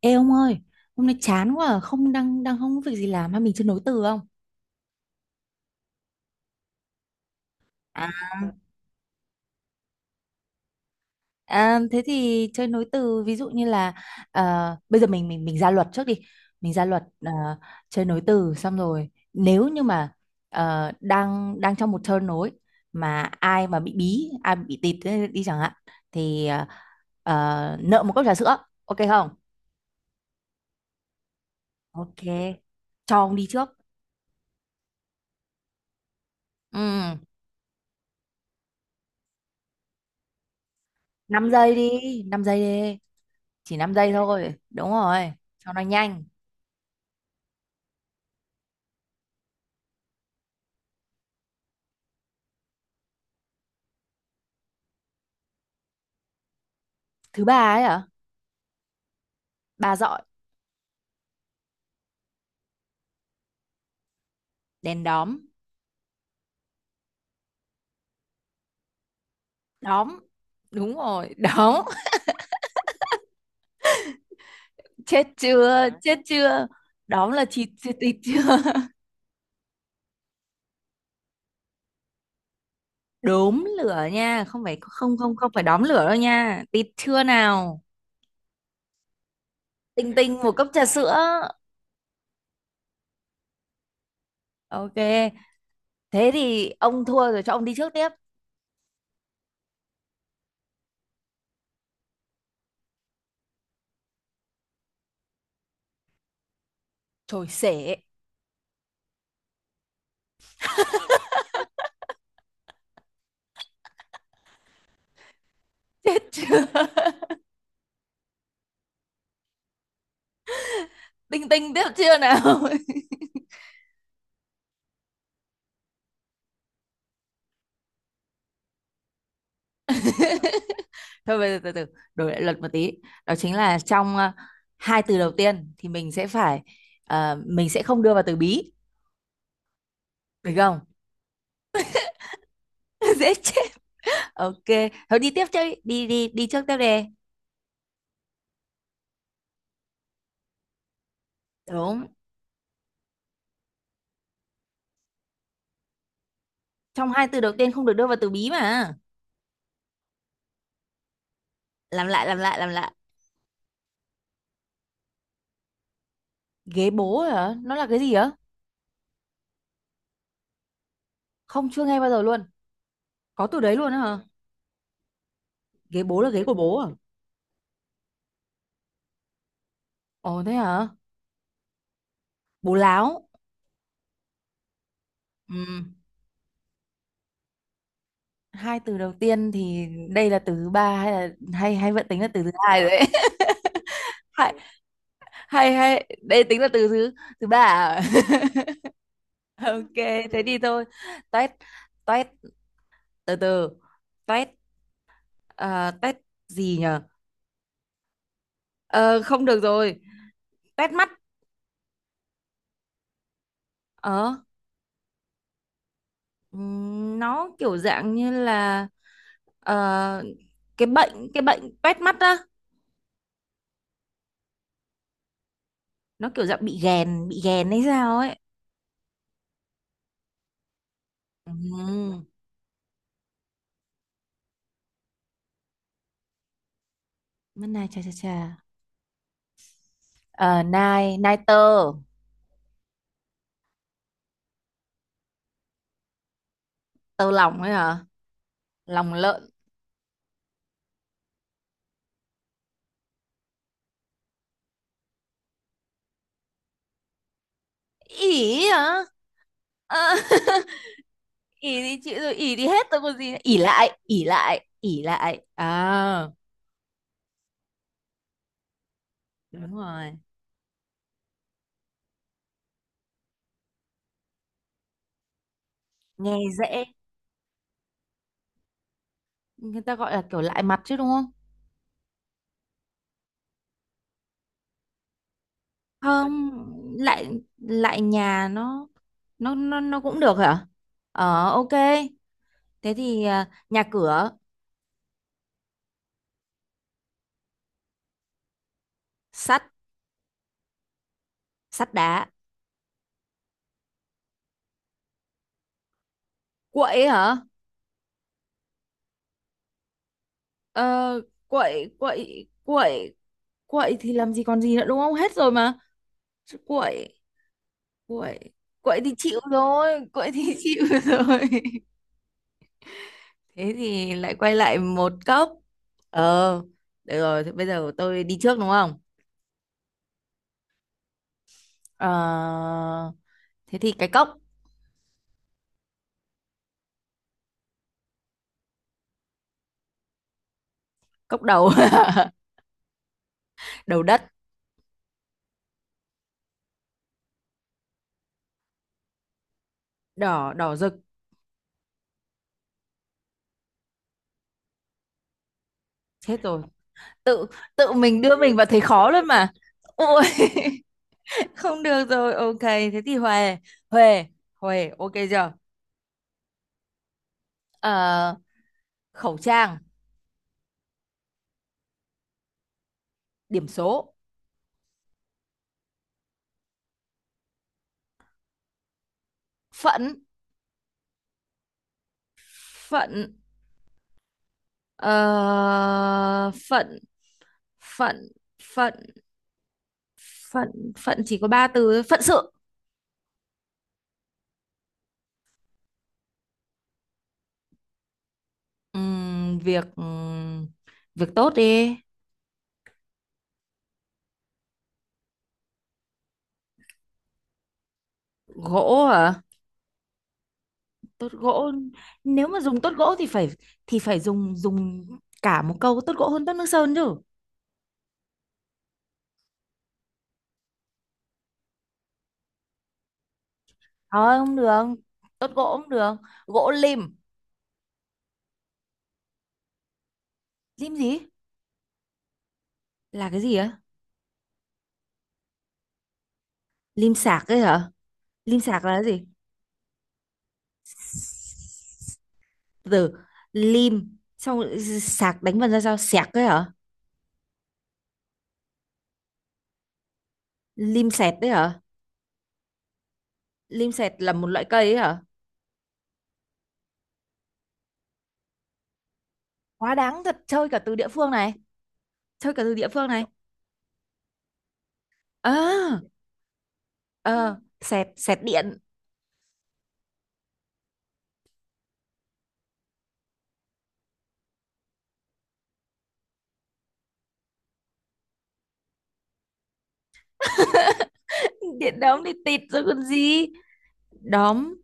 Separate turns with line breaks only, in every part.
Ê ông ơi, hôm nay chán quá, à, không đang đang không có việc gì làm hay mình chơi nối từ không? À, thế thì chơi nối từ ví dụ như là ờ, bây giờ mình ra luật trước đi. Mình ra luật, chơi nối từ xong rồi, nếu như mà đang đang trong một turn nối mà ai mà bị bí, ai bị tịt thế đi chẳng hạn thì nợ một cốc trà sữa, ok không? Ok. Cho ông đi trước. Ừ, 5 giây đi, 5 giây đi. Chỉ 5 giây thôi, đúng rồi, cho nó nhanh. Thứ ba ấy hả? Ba dọi. Đèn đóm. Đóm. Đúng rồi, đóm. Chết chưa, chết chưa. Đóm là chịt chưa, tịt chưa. Đốm lửa nha, không phải, không không, không phải đóm lửa đâu nha, tịt chưa nào. Tinh tinh một cốc trà sữa. Ok, thế thì ông thua rồi, cho ông đi trước tiếp. Trồi sể. Chết chưa. Tinh tinh tiếp chưa nào. Thôi bây giờ từ từ đổi lại luật một tí. Đó chính là trong, hai từ đầu tiên thì mình sẽ phải, mình sẽ không đưa vào từ bí. Được không? Dễ chết. Ok, thôi đi tiếp, chơi đi, đi đi trước tiếp đề. Đúng, trong hai từ đầu tiên không được đưa vào từ bí mà. Làm lại, làm lại, làm lại. Ghế bố hả, nó là cái gì á? Không, chưa nghe bao giờ luôn. Có từ đấy luôn á hả? Ghế bố là ghế của bố à? Ồ thế hả. Bố láo. Ừ. Hai từ đầu tiên thì đây là từ thứ ba hay là hay hay vẫn tính là từ thứ hai rồi đấy. Hay hay hay, đây tính là từ thứ, thứ ba à? Ok. Thế thì thôi. Toét. Toét. Từ từ. Toét. Ờ, toét gì nhở? Ờ, không được rồi. Toét mắt. Ờ. Ừm, nó kiểu dạng như là, ờ, cái bệnh, cái bệnh toét mắt á. Nó kiểu dạng bị ghèn, bị ghèn hay sao ấy. Ừm, mắt này, chà chà chà. Ờ, nai, nai tơ. Tơ lòng ấy hả. Lòng lợn. Ỉ hả? Ờ. Ỉ thì chịu rồi, ỉ thì hết tôi còn gì nữa. Ỉ lại, ỉ lại, ỉ lại à? Đúng rồi. Nghe dễ. Người ta gọi là kiểu lại mặt chứ đúng không? Không, lại, lại nhà nó, nó cũng được hả? Ờ ok, thế thì, à, nhà cửa. Sắt. Sắt đá. Quậy hả? Ờ. Quậy, quậy, quậy. Quậy thì làm gì còn gì nữa, đúng không, hết rồi mà. Chứ quậy. Quậy. Quậy thì chịu rồi, quậy thì chịu rồi. Thế thì lại quay lại một cốc. Ờ, được rồi, thế bây giờ tôi đi trước đúng không? Ờ, thế thì cái cốc. Cốc đầu. Đầu đất. Đỏ, đỏ rực. Chết rồi. Tự, tự mình đưa mình vào thấy khó luôn mà. Ôi. Không được rồi, ok thế thì huề. Huề. Huề ok chưa? Ờ. Khẩu trang. Điểm số. Phận. Phận. Ờ, phận. Phận. Phận. Phận. Phận chỉ có ba từ thôi. Phận sự. Việc, việc tốt đi. Gỗ hả? Tốt gỗ. Nếu mà dùng tốt gỗ thì phải, thì phải dùng dùng cả một câu tốt gỗ hơn tốt nước sơn chứ. Thôi không được. Tốt gỗ không được. Gỗ lim. Lim gì là cái gì á? Lim sạc ấy hả? Lim sạc là cái gì? Từ lim xong rồi sạc, đánh vần ra sao, sạc ấy hả? Lim sẹt đấy hả? Lim sẹt là một loại cây ấy hả? Quá đáng thật, chơi cả từ địa phương này, chơi cả từ địa phương này. À, ờ, sẹt, sẹt điện. Điện đóm đi tịt rồi còn gì? Đóm,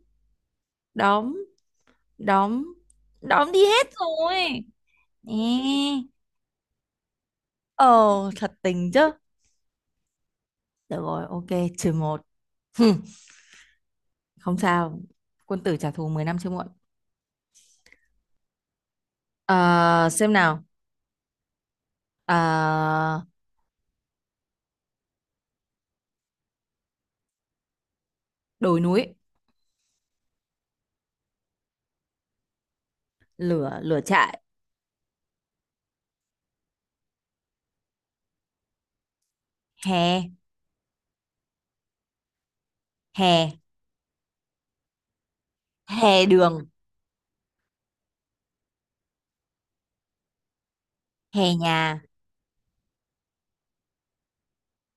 đóm, đóm, đóm đi hết rồi. Ê. Ờ, thật tình chứ. Được rồi, ok, trừ một. Hừ. Không sao, quân tử trả thù 10 năm chưa muộn. Ờ, xem nào. Ờ, đồi núi. Lửa, lửa trại. Hè, hè, hè đường. Hè nhà.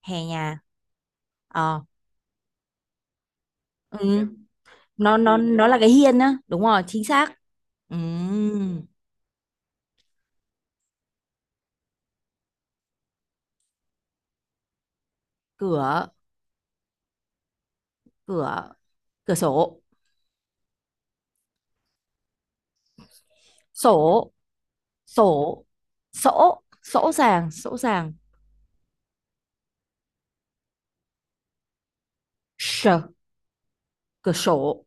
Hè nhà. Ờ. Ừ. nó là cái hiên á, đúng rồi, chính xác. Ừ. Cửa. Cửa. Cửa sổ. Sổ. Sổ. Sổ. Sổ. sàng. Sổ sàng. Sờ. Cửa sổ.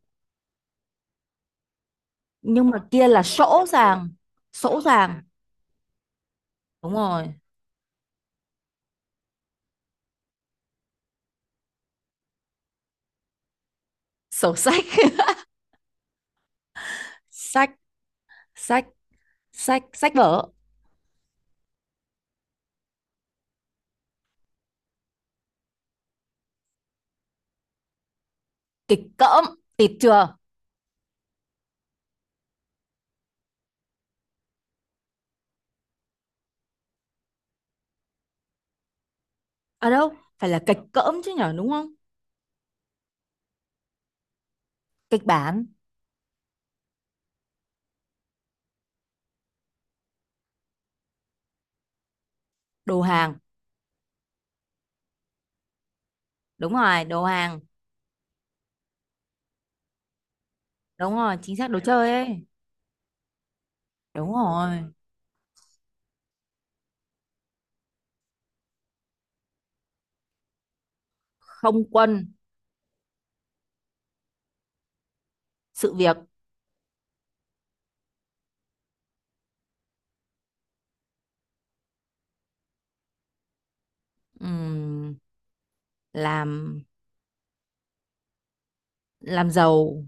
Nhưng mà kia là sổ, sổ sàng, sổ sàng. Đúng rồi. Sổ sách. Sách. Sách. Sách, sách vở. Kịch cỡm. Tịt chưa. À đâu phải là kịch cỡm chứ nhở, đúng không? Kịch bản. Đồ hàng. Đúng rồi, đồ hàng. Đúng rồi chính xác, đồ chơi ấy. Đúng rồi. Không quân. Sự việc. Ừm, làm. Làm giàu.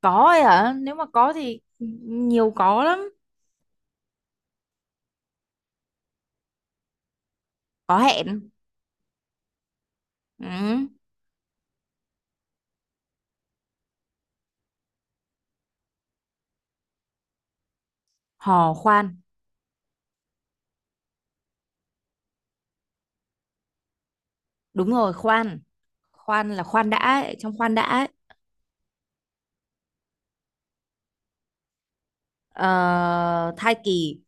Có ấy hả? Nếu mà có thì nhiều, có lắm. Có hẹn. Ừ. Hò khoan. Đúng rồi, khoan. Khoan là khoan đã ấy, trong khoan đã ấy. Ờ, thai kỳ.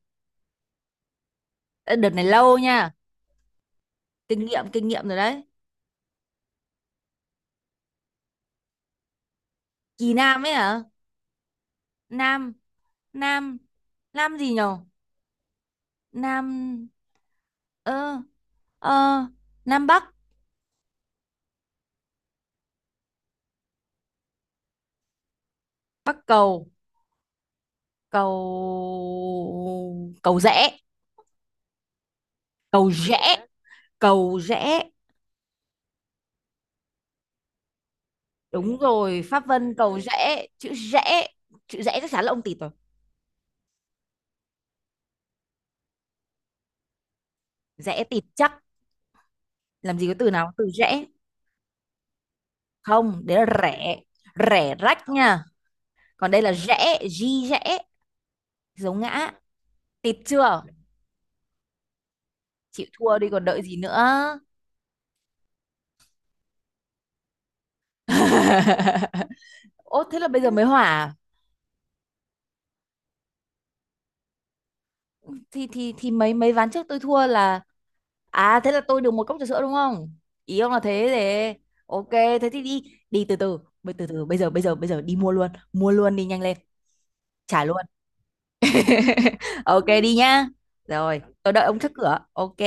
Ê, đợt này lâu nha. Kinh nghiệm, kinh nghiệm rồi đấy. Kỳ nam ấy hả? Nam. Nam. Nam gì nhở? Nam. Ơ. Ờ, Nam Bắc. Bắc cầu. Cầu, cầu rẽ. Cầu rẽ. Cầu rẽ. Đúng rồi, Pháp Vân cầu rẽ, chữ rẽ. Chữ rẽ, chắc chắn là ông tịt rồi. Rẽ, tịt chắc. Làm gì có từ nào có từ rẽ. Không, đấy là rẻ. Rẻ rách nha. Còn đây là rẽ, di rẽ, dấu ngã. Tịt chưa? Chịu thua đi còn đợi gì nữa. Ô thế là bây giờ mới hỏa à? Thì mấy mấy ván trước tôi thua là, à thế là tôi được một cốc trà sữa đúng không, ý ông là thế để. Ok thế thì đi. Đi từ từ bây giờ bây giờ bây giờ đi mua luôn, mua luôn, đi nhanh lên. Trả luôn. Ok đi nhá. Rồi tôi đợi ông trước cửa, ok.